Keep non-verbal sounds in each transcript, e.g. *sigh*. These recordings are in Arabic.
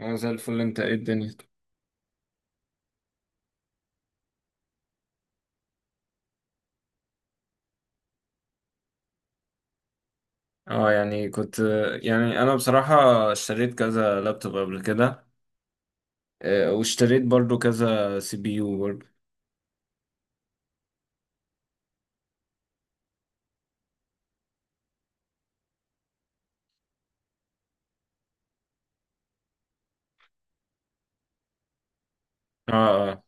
انا زي الفل. انت ايه الدنيا؟ اه يعني كنت يعني انا بصراحة اشتريت كذا لابتوب قبل كده. واشتريت برضو كذا سي بي يو برضو. اه. اه.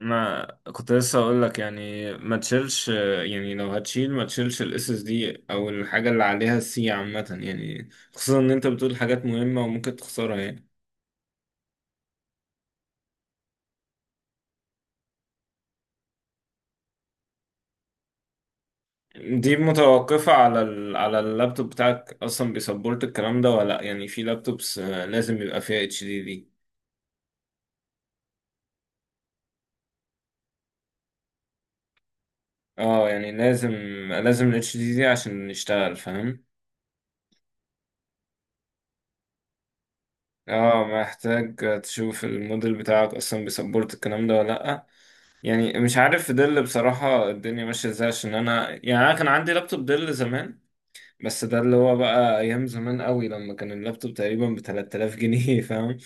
ما كنت لسه اقول لك، يعني ما تشيلش، يعني لو هتشيل ما تشيلش الاس اس دي او الحاجة اللي عليها السي، عامة يعني. خصوصا ان انت بتقول حاجات مهمة وممكن تخسرها يعني. دي متوقفة على اللابتوب بتاعك اصلا، بيسبورت الكلام ده ولا لأ؟ يعني في لابتوبس، لازم يبقى فيها اتش دي. اه، يعني لازم ال HDD عشان نشتغل، فاهم؟ اه، محتاج تشوف الموديل بتاعك اصلا بيسبورت الكلام ده ولا لأ. يعني مش عارف في دل بصراحة، الدنيا ماشية ازاي؟ عشان انا كان عندي لابتوب دل زمان. بس ده اللي هو بقى ايام زمان قوي، لما كان اللابتوب تقريبا ب 3000 جنيه *laughs* فاهم؟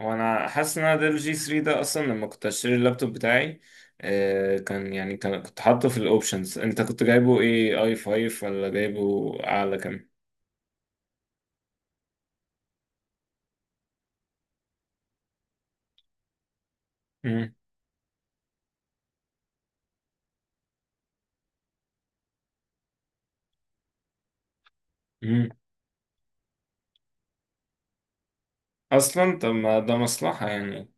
وانا حاسس ان انا دل جي 3 ده اصلا، لما كنت اشتري اللابتوب بتاعي، آه، كان يعني كان كنت حاطه في الاوبشنز. انت كنت جايبه ايه، اي 5 ولا جايبه اعلى كام؟ مم. اصلا طب، ما ده مصلحة يعني.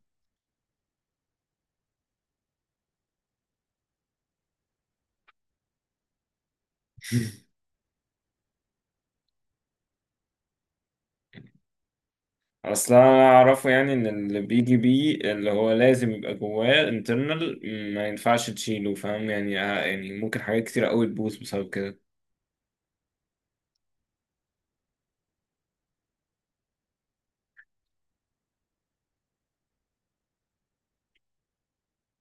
*laughs* اصل انا اعرفه يعني، ان اللي بيجي بيه اللي هو لازم يبقى جواه انترنال، ما ينفعش تشيله، فاهم يعني؟ يعني ممكن حاجات كتير قوي تبوظ بسبب كده.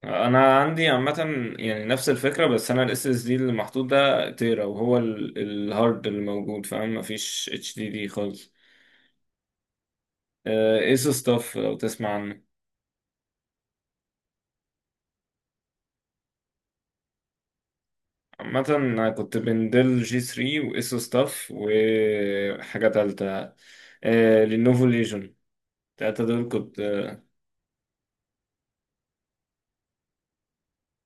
انا عندي عامة، يعني نفس الفكرة. بس انا الاس اس دي اللي محطوط ده تيرا، وهو الهارد اللي موجود، فاهم؟ مفيش اتش دي دي خالص. ايسو ستاف لو تسمع عنه. عامة أنا كنت بين ديل جي 3 وإيسو ستاف وحاجة تالتة، لينوفو ليجون. التلاتة دول كنت.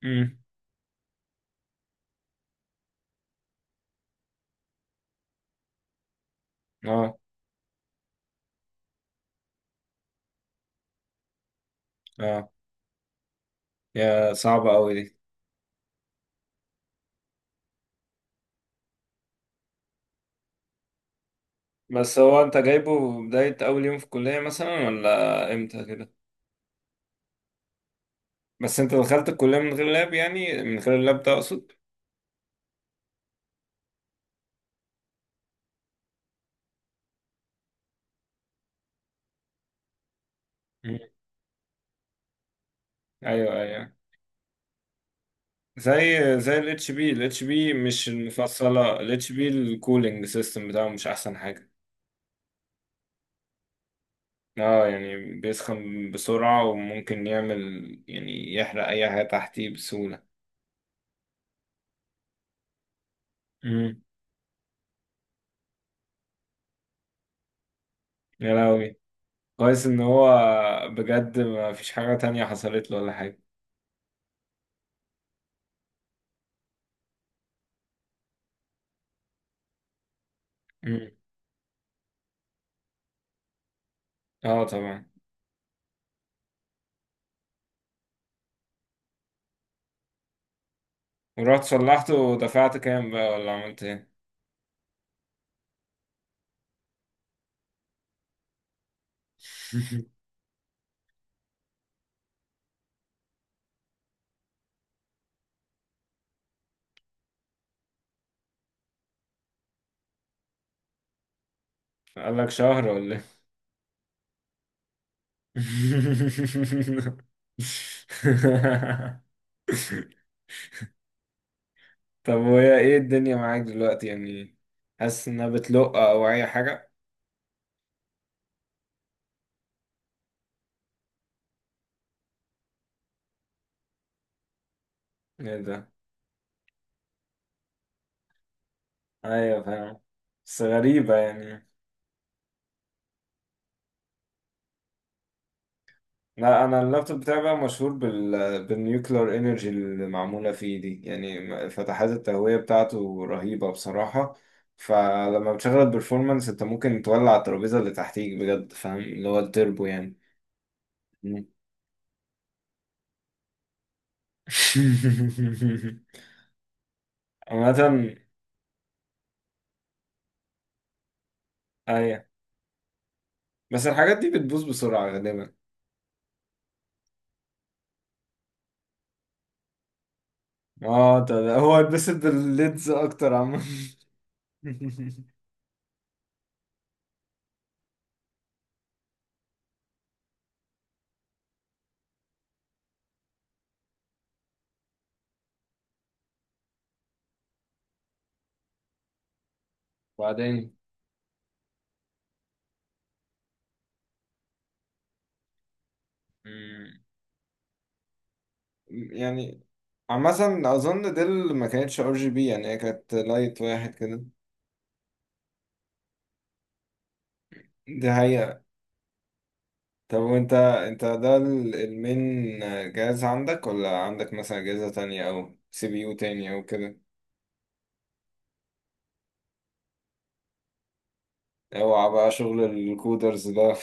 مم. آه. آه. يا صعبة أوي دي. بس هو أنت جايبه بداية أول يوم في الكلية مثلا ولا إمتى كده؟ بس أنت دخلت الكلية من غير لاب، يعني من غير اللاب ده أقصد؟ مم. أيوه، أيوه. زي زي ال اتش بي. مش المفصلة، ال اتش بي الكولينج سيستم بتاعه مش أحسن. اه، يعني بيسخن بسرعة وممكن يعمل، يعني يحرق أي حاجة تحتيه بسهولة. امم. يا لهوي! كويس إن هو، بجد ما فيش حاجة تانية حصلت له ولا حاجة. امم. اه، طبعا. ورحت صلحته ودفعت كام بقى، ولا عملت ايه؟ *laughs* قال لك شهر ولا ايه؟ *laughs* طب، وهي ايه الدنيا معاك دلوقتي يعني؟ حاسس انها بتلق او اي حاجة؟ ايه ده؟ ايوه، فاهم. بس غريبة يعني. لا، انا اللابتوب بتاعي بقى مشهور بالنيوكلير انرجي اللي معمولة فيه دي، يعني فتحات التهوية بتاعته رهيبة بصراحة. فلما بتشغل البرفورمانس انت ممكن تولع الترابيزة اللي تحتيك بجد، فاهم؟ اللي هو التربو يعني. مم. *laughs* عامة. ايوه، بس الحاجات دي بتبوظ بسرعة غالبا. اه، ده هو اتبسط بالليدز اكتر عامة. *laughs* وبعدين، يعني، عامة أظن ديل ما كانتش ار جي بي، يعني هي كانت لايت واحد كده. دي حقيقة. طب، وأنت أنت ده المين جهاز عندك، ولا عندك مثلا أجهزة تانية أو سي بي يو تاني أو كده؟ أوعى بقى شغل الكودرز ده.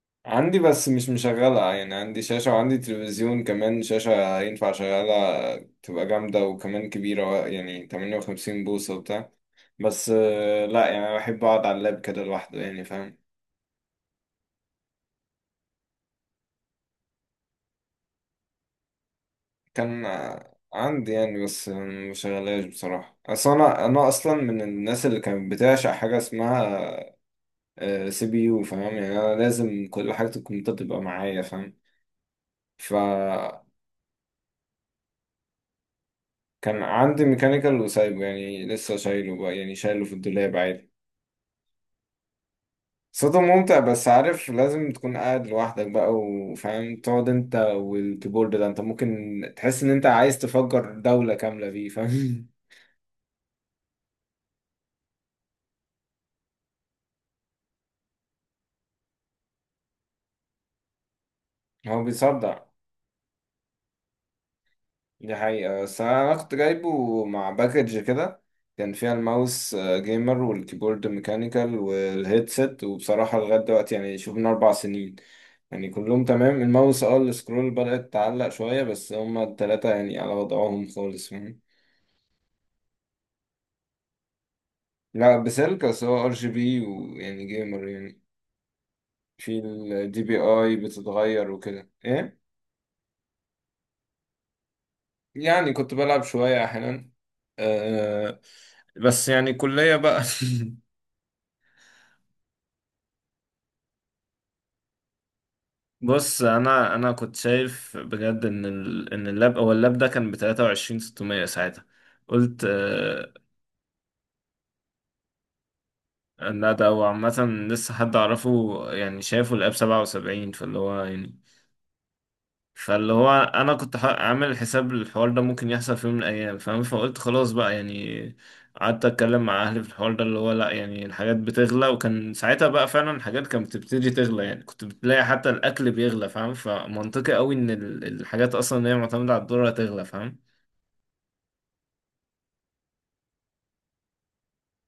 *laughs* عندي، بس مش مشغلة يعني. عندي شاشة وعندي تلفزيون كمان شاشة ينفع شغالة، تبقى جامدة وكمان كبيرة، يعني 58 بوصة وبتاع. بس لا يعني، أنا بحب أقعد على اللاب كده لوحده، يعني فاهم؟ كان عندي، يعني، بس مشغلاش بصراحة. أصل أنا أصلا من الناس اللي كانت بتعشق حاجة اسمها سي بي يو، فاهم يعني؟ أنا لازم كل حاجة الكمبيوتر تبقى معايا، فاهم؟ فكان عندي ميكانيكال وسايبه، يعني لسه شايله بقى، يعني شايله في الدولاب عادي. صوته ممتع، بس عارف لازم تكون قاعد لوحدك بقى، وفاهم تقعد انت والكيبورد ده، انت ممكن تحس ان انت عايز تفجر دولة كاملة فيه، فاهم؟ *laughs* هو بيصدع. دي حقيقة، بس أنا كنت جايبه مع باكج كده. كان فيها الماوس، جيمر، والكيبورد ميكانيكال، والهيدسيت. وبصراحة لغاية دلوقتي، يعني شوف، من 4 سنين. يعني كلهم تمام. الماوس السكرول بدأت تعلق شوية، بس هما التلاتة يعني على وضعهم خالص، فاهم؟ لا، بسلك، بس هو ار جي بي ويعني جيمر يعني. في الدي بي اي بتتغير وكده ايه. يعني كنت بلعب شوية أحيانا. أه. بس يعني كلية بقى. *laughs* بص، انا كنت شايف بجد ان اللاب او اللاب ده كان ب 23 600 ساعتها، قلت. لا، ده هو عامة لسه حد اعرفه يعني شايفه اللاب 77. فاللي هو يعني، فاللي هو انا كنت عامل حساب الحوار ده ممكن يحصل في يوم من الايام، فاهم؟ فقلت خلاص بقى، يعني قعدت اتكلم مع اهلي في الحوار ده، اللي هو لا يعني الحاجات بتغلى، وكان ساعتها بقى فعلا الحاجات كانت بتبتدي تغلى، يعني كنت بتلاقي حتى الاكل بيغلى، فاهم؟ فمنطقي قوي ان الحاجات اصلا اللي هي معتمدة على الدولار هتغلى، فاهم؟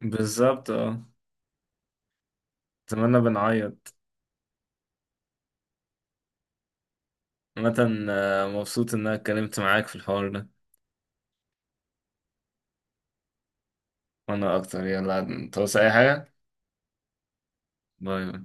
بالظبط، اه. اتمنى بنعيط. عامة مبسوط ان انا اتكلمت معاك في الحوار ده. وانا اكتر. يلا، توصي اي حاجة؟ باي، باي.